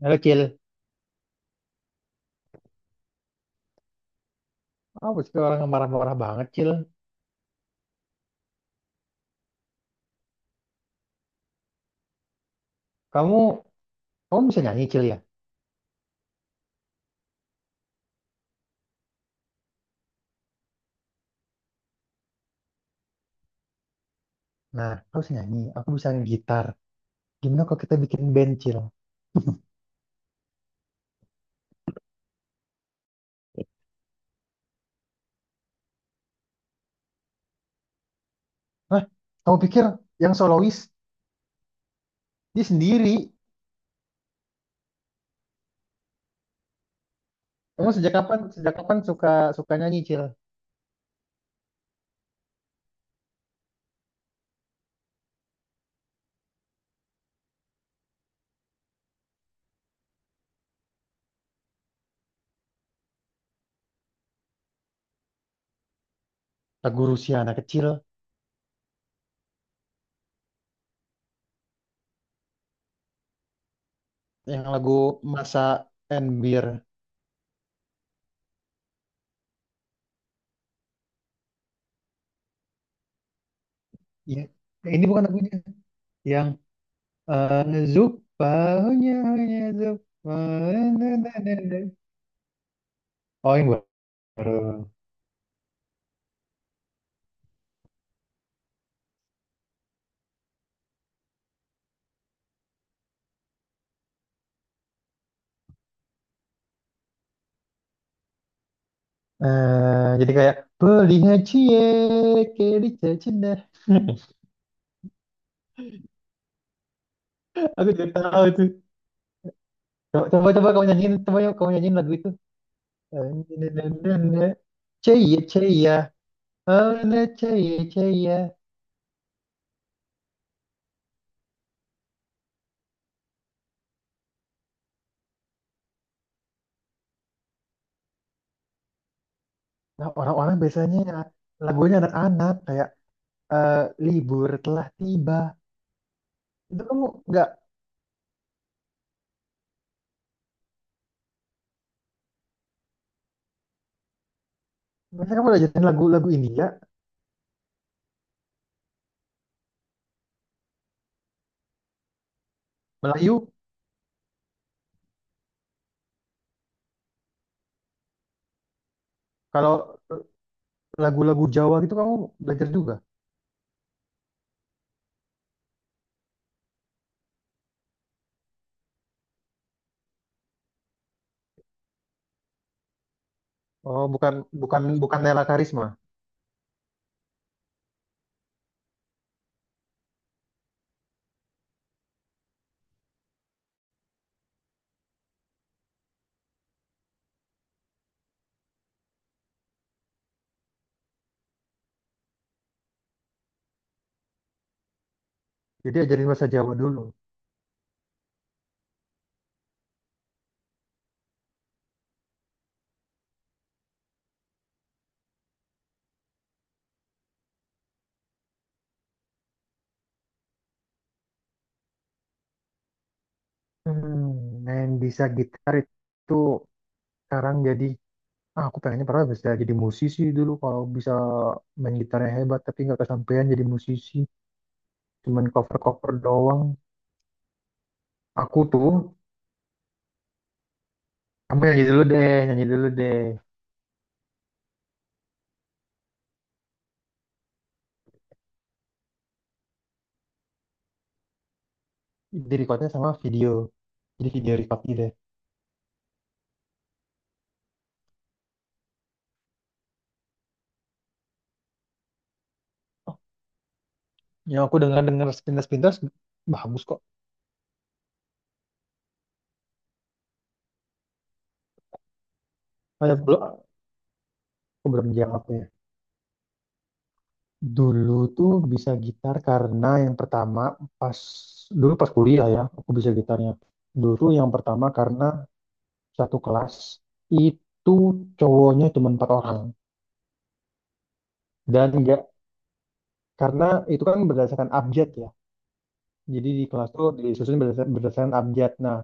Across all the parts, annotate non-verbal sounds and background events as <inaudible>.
Halo Cil, apa sih orang yang marah-marah banget Cil? Kamu, kamu, bisa nyanyi Cil ya? Nah, kamu bisa nyanyi, aku bisa gitar. Gimana kalau kita bikin band Cil? Hah? Kamu pikir yang solois dia sendiri? Kamu sejak kapan suka suka nyanyi Cil? Lagu Rusia anak kecil, yang lagu Masa and Beer. Ya, ini bukan lagunya. Yang Zup, baunya hanya Zup. Oh, yang baru. Jadi kayak beli cie kiri cina. Aku juga tahu itu. Coba coba, coba kamu nyanyiin, coba yuk kamu nyanyiin lagu itu. Cie cie, ya. Oh na cie cie, ya. Nah, orang-orang biasanya lagunya anak-anak kayak eh, libur telah tiba. Itu kamu nggak, biasanya kamu belajarin lagu-lagu India, Melayu. Kalau lagu-lagu Jawa gitu kamu belajar juga. Oh bukan, bukan Nela Karisma. Jadi ajarin bahasa Jawa dulu. Hmm, main bisa gitar itu sekarang jadi ah, aku pengennya pernah bisa jadi musisi dulu kalau bisa main gitarnya hebat, tapi nggak kesampaian jadi musisi, cuman cover-cover doang. Aku tuh, kamu nyanyi dulu deh, nyanyi dulu deh, di recordnya sama video, jadi video record gitu deh. Oh, ya aku dengar dengar sepintas-pintas bagus kok. Kayak belum, aku belum jawab ya. Dulu tuh bisa gitar karena yang pertama, pas dulu pas kuliah ya aku bisa gitarnya. Dulu tuh yang pertama karena satu kelas itu cowoknya cuma empat orang dan enggak, karena itu kan berdasarkan abjad ya. Jadi di kelas tuh disusun berdasarkan abjad. Nah,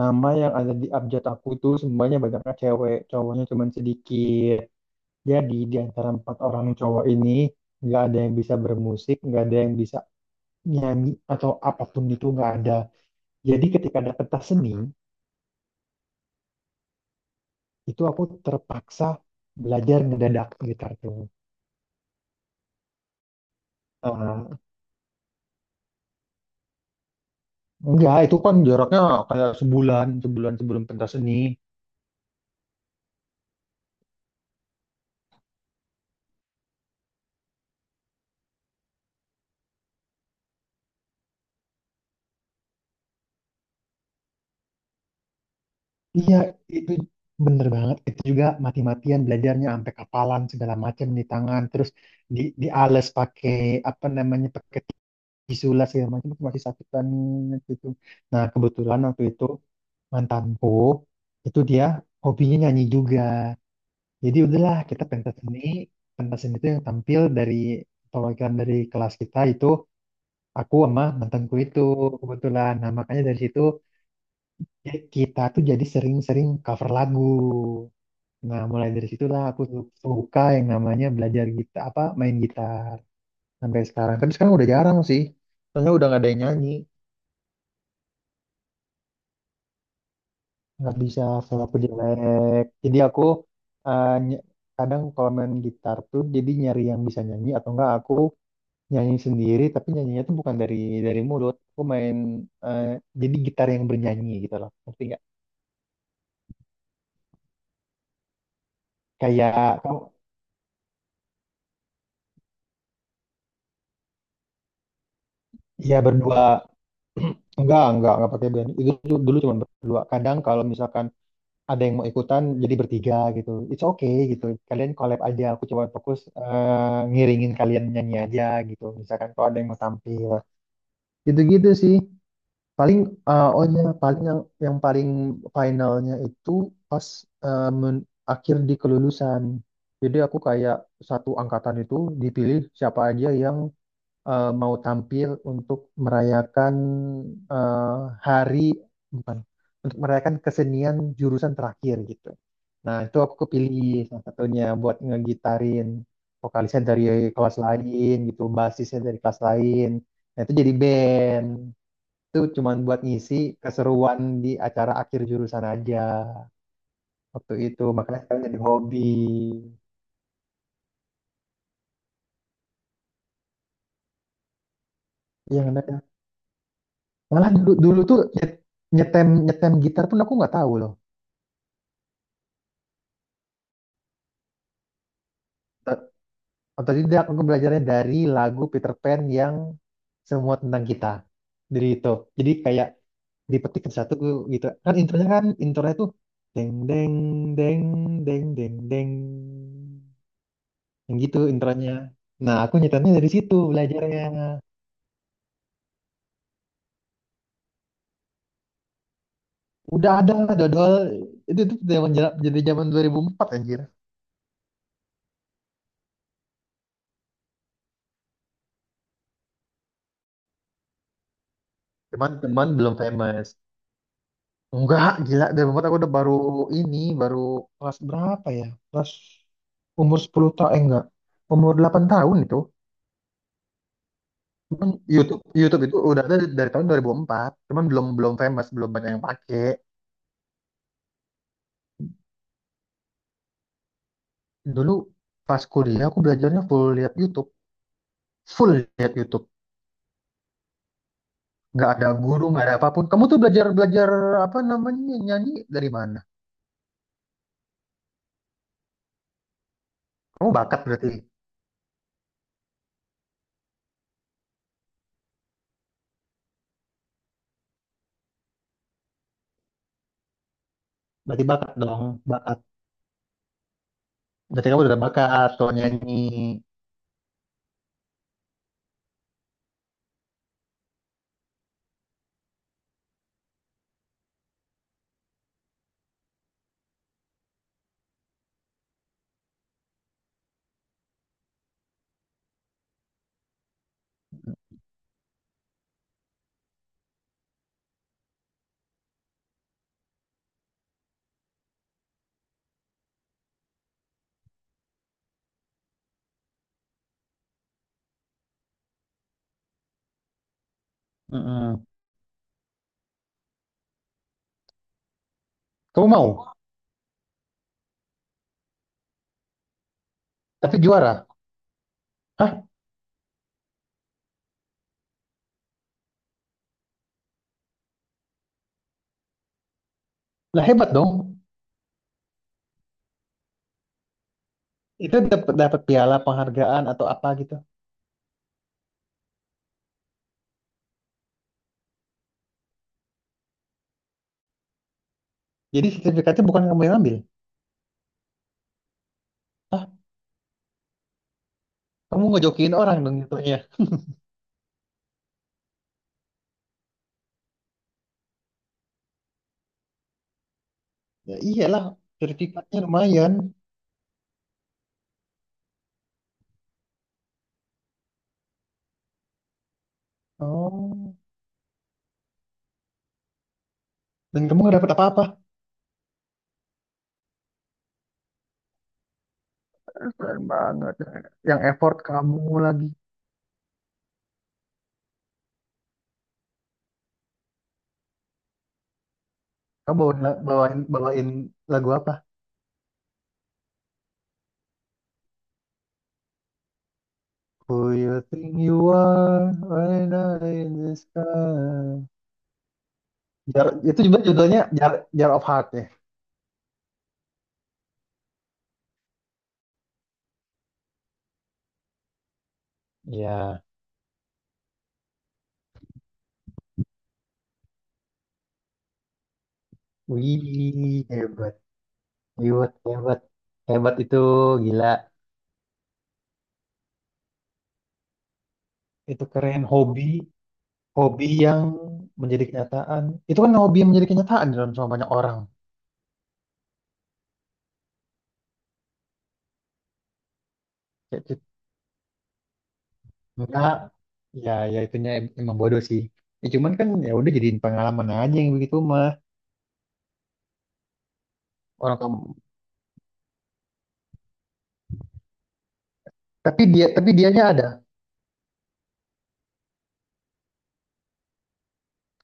nama yang ada di abjad aku itu semuanya banyaknya cewek, cowoknya cuma sedikit. Jadi di antara empat orang cowok ini nggak ada yang bisa bermusik, nggak ada yang bisa nyanyi atau apapun itu nggak ada. Jadi ketika ada pentas seni, itu aku terpaksa belajar ngedadak gitar tuh. Eh, enggak, itu kan jaraknya kayak sebulan sebelum pentas seni. Iya, itu bener banget. Itu juga mati-matian belajarnya sampai kapalan segala macam di tangan, terus di diales pakai apa namanya, pakai tisu lah segala macam itu masih sakitan gitu. Nah, kebetulan waktu itu mantanku itu dia hobinya nyanyi juga. Jadi udahlah kita pentas seni itu yang tampil dari perwakilan dari kelas kita itu aku sama mantanku itu kebetulan. Nah makanya dari situ ya kita tuh jadi sering-sering cover lagu. Nah mulai dari situlah aku suka yang namanya belajar gitar apa main gitar sampai sekarang. Tapi sekarang udah jarang sih, soalnya udah nggak ada yang nyanyi, nggak bisa, suara aku jelek. Jadi aku eh, ny- kadang kalau main gitar tuh jadi nyari yang bisa nyanyi atau enggak aku nyanyi sendiri, tapi nyanyinya tuh bukan dari mulut aku main, eh, jadi gitar yang bernyanyi gitu loh, ngerti nggak, kayak kamu. Ya berdua, enggak pakai band itu dulu, dulu cuma berdua. Kadang kalau misalkan ada yang mau ikutan jadi bertiga gitu it's okay gitu, kalian collab aja, aku coba fokus ngiringin kalian nyanyi aja gitu, misalkan kalau ada yang mau tampil gitu gitu sih. Paling oh iya, paling yang paling finalnya itu pas uh, men- akhir di kelulusan. Jadi aku kayak satu angkatan itu dipilih siapa aja yang mau tampil untuk merayakan uh, hari bukan untuk merayakan kesenian jurusan terakhir gitu. Nah, itu aku kepilih salah satunya buat ngegitarin vokalisnya dari kelas lain gitu, basisnya dari kelas lain. Nah, itu jadi band itu cuman buat ngisi keseruan di acara akhir jurusan aja waktu itu, makanya sekarang jadi hobi, iya kan ya. Malah dulu, dulu tuh nyetem nyetem gitar pun aku nggak tahu loh. Ot- Otodidak, aku belajarnya dari lagu Peter Pan yang semua tentang kita, dari itu jadi kayak dipetik satu gitu kan, intronya, intronya tuh deng deng deng, deng deng deng, yang gitu intronya. Nah aku nyetemnya dari situ belajarnya. Udah ada dodol, itu zaman jadi zaman 2004 anjir. Cuman teman belum famous. Enggak, gila. Dari empat aku udah baru, ini baru kelas berapa ya? Kelas umur 10 tahun, eh enggak, umur 8 tahun itu. Cuman YouTube YouTube itu udah ada dari tahun 2004 cuman belum belum famous, belum banyak yang pakai. Dulu pas kuliah aku belajarnya full lihat YouTube, full lihat YouTube. Nggak ada guru, nggak ada apapun. Kamu tuh belajar belajar apa namanya nyanyi dari mana? Kamu bakat berarti. Berarti bakat dong, bakat. Berarti kamu udah bakat kalau nyanyi. Mm-mm. Kamu mau, tapi juara. Hah? Lah hebat dong. Itu dapat dapat piala penghargaan atau apa gitu. Jadi sertifikatnya bukan kamu yang ambil. Hah? Kamu ngejokiin orang dong jatuhnya. Ya iyalah, sertifikatnya lumayan. Oh. Dan kamu nggak dapat apa-apa. Keren banget. Yang effort kamu lagi. Kamu bawain lagu apa? Who you think you are when I in the sky? Jar, itu juga judulnya Jar of Heart ya. Ya, wih, hebat, hebat, hebat itu gila. Itu keren hobi, hobi yang menjadi kenyataan. Itu kan hobi yang menjadi kenyataan di dalam sama banyak orang. Kayak gitu. Enggak, ya, ya itunya emang bodoh sih. Ya, cuman kan ya udah jadiin pengalaman aja yang begitu mah, orang kamu. Tapi dia, tapi dianya ada.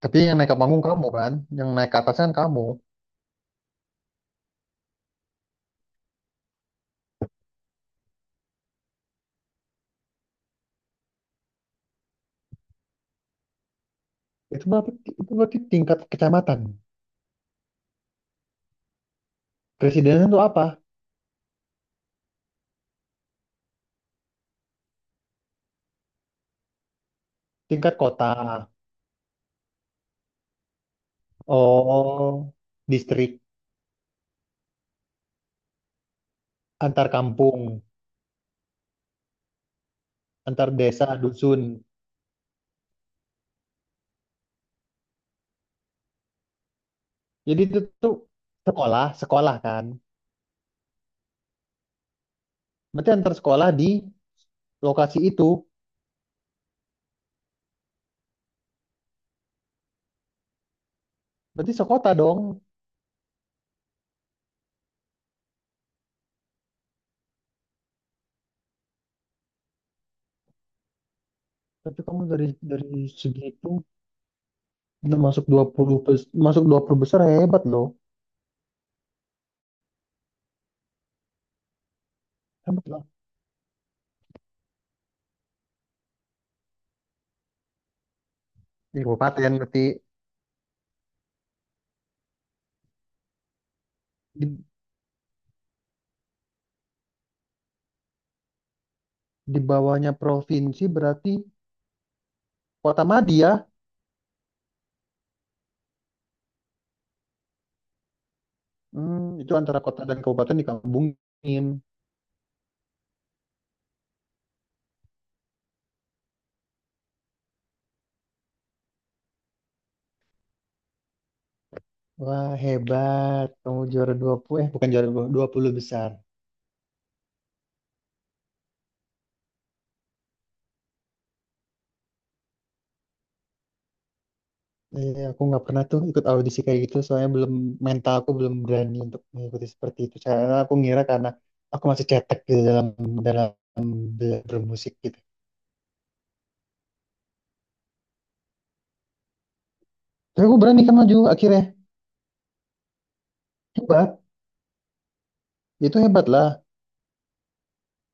Tapi yang naik ke panggung kamu kan, yang naik ke atas kan kamu. Itu berarti, itu berarti tingkat kecamatan. Presidenan itu apa? Tingkat kota. Oh, distrik antar kampung, antar desa, dusun. Jadi itu tuh sekolah kan. Berarti antar sekolah di lokasi itu. Berarti sekota dong. Tapi kamu dari dari segitu udah masuk masuk 20 besar, hebat loh. Hebat loh. Di kabupaten berarti di, di bawahnya provinsi berarti kota madya. Hmm, itu antara kota dan kabupaten digabungin. Wah, hebat. Kamu juara 20, eh bukan juara dua puluh besar. Iya, aku nggak pernah tuh ikut audisi kayak gitu, soalnya belum, mental aku belum berani untuk mengikuti seperti itu. Karena aku ngira karena aku masih cetek gitu dalam dalam bermusik gitu. Tapi aku berani kan maju akhirnya. Hebat, itu hebat lah.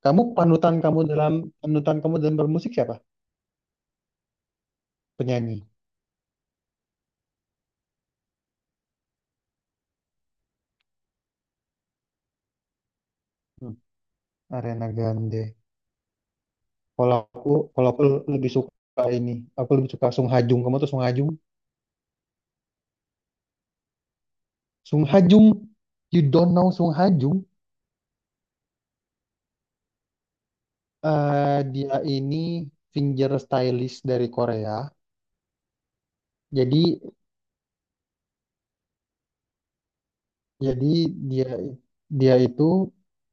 Kamu panutan kamu dalam bermusik siapa? Penyanyi. Hmm, Ariana Grande. Kalau aku, kalau aku lebih suka ini, aku lebih suka Sung Ha Jung. Kamu tuh Sung Ha Jung? Sung Ha Jung. You don't know Sung Ha Jung? Eh, dia ini finger stylist dari Korea. Jadi jadi dia dia itu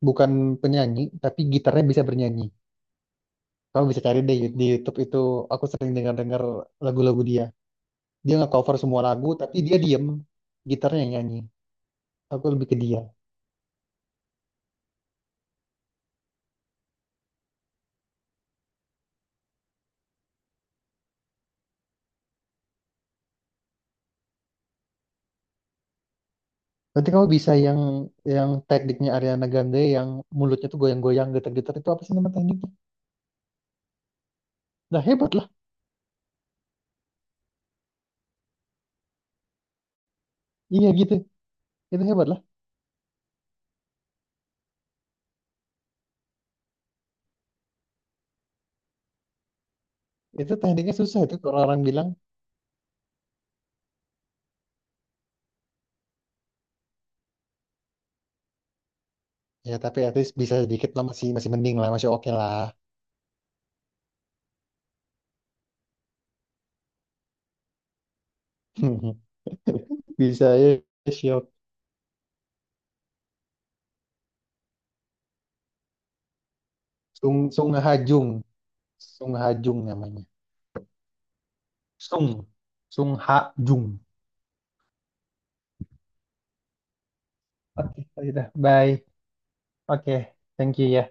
bukan penyanyi tapi gitarnya bisa bernyanyi. Kamu bisa cari deh di YouTube itu. Aku sering dengar-dengar lagu-lagu dia. Dia nge-cover semua lagu tapi dia diem, gitarnya yang nyanyi. Aku lebih ke dia. Nanti kamu bisa yang tekniknya Ariana Grande yang mulutnya tuh goyang-goyang, getar-getar, itu apa sih nama tekniknya? Nah hebat lah. Iya gitu. Itu hebat lah. Itu tekniknya susah itu kalau orang bilang, ya tapi at least bisa sedikit lah, masih masih mending lah, masih oke lah. <laughs> Bisa ya siok. Sung Sung Hajung, Sung Hajung namanya. Sung Sung Hajung. Oke, ya udah. Bye. Oke, thank you ya.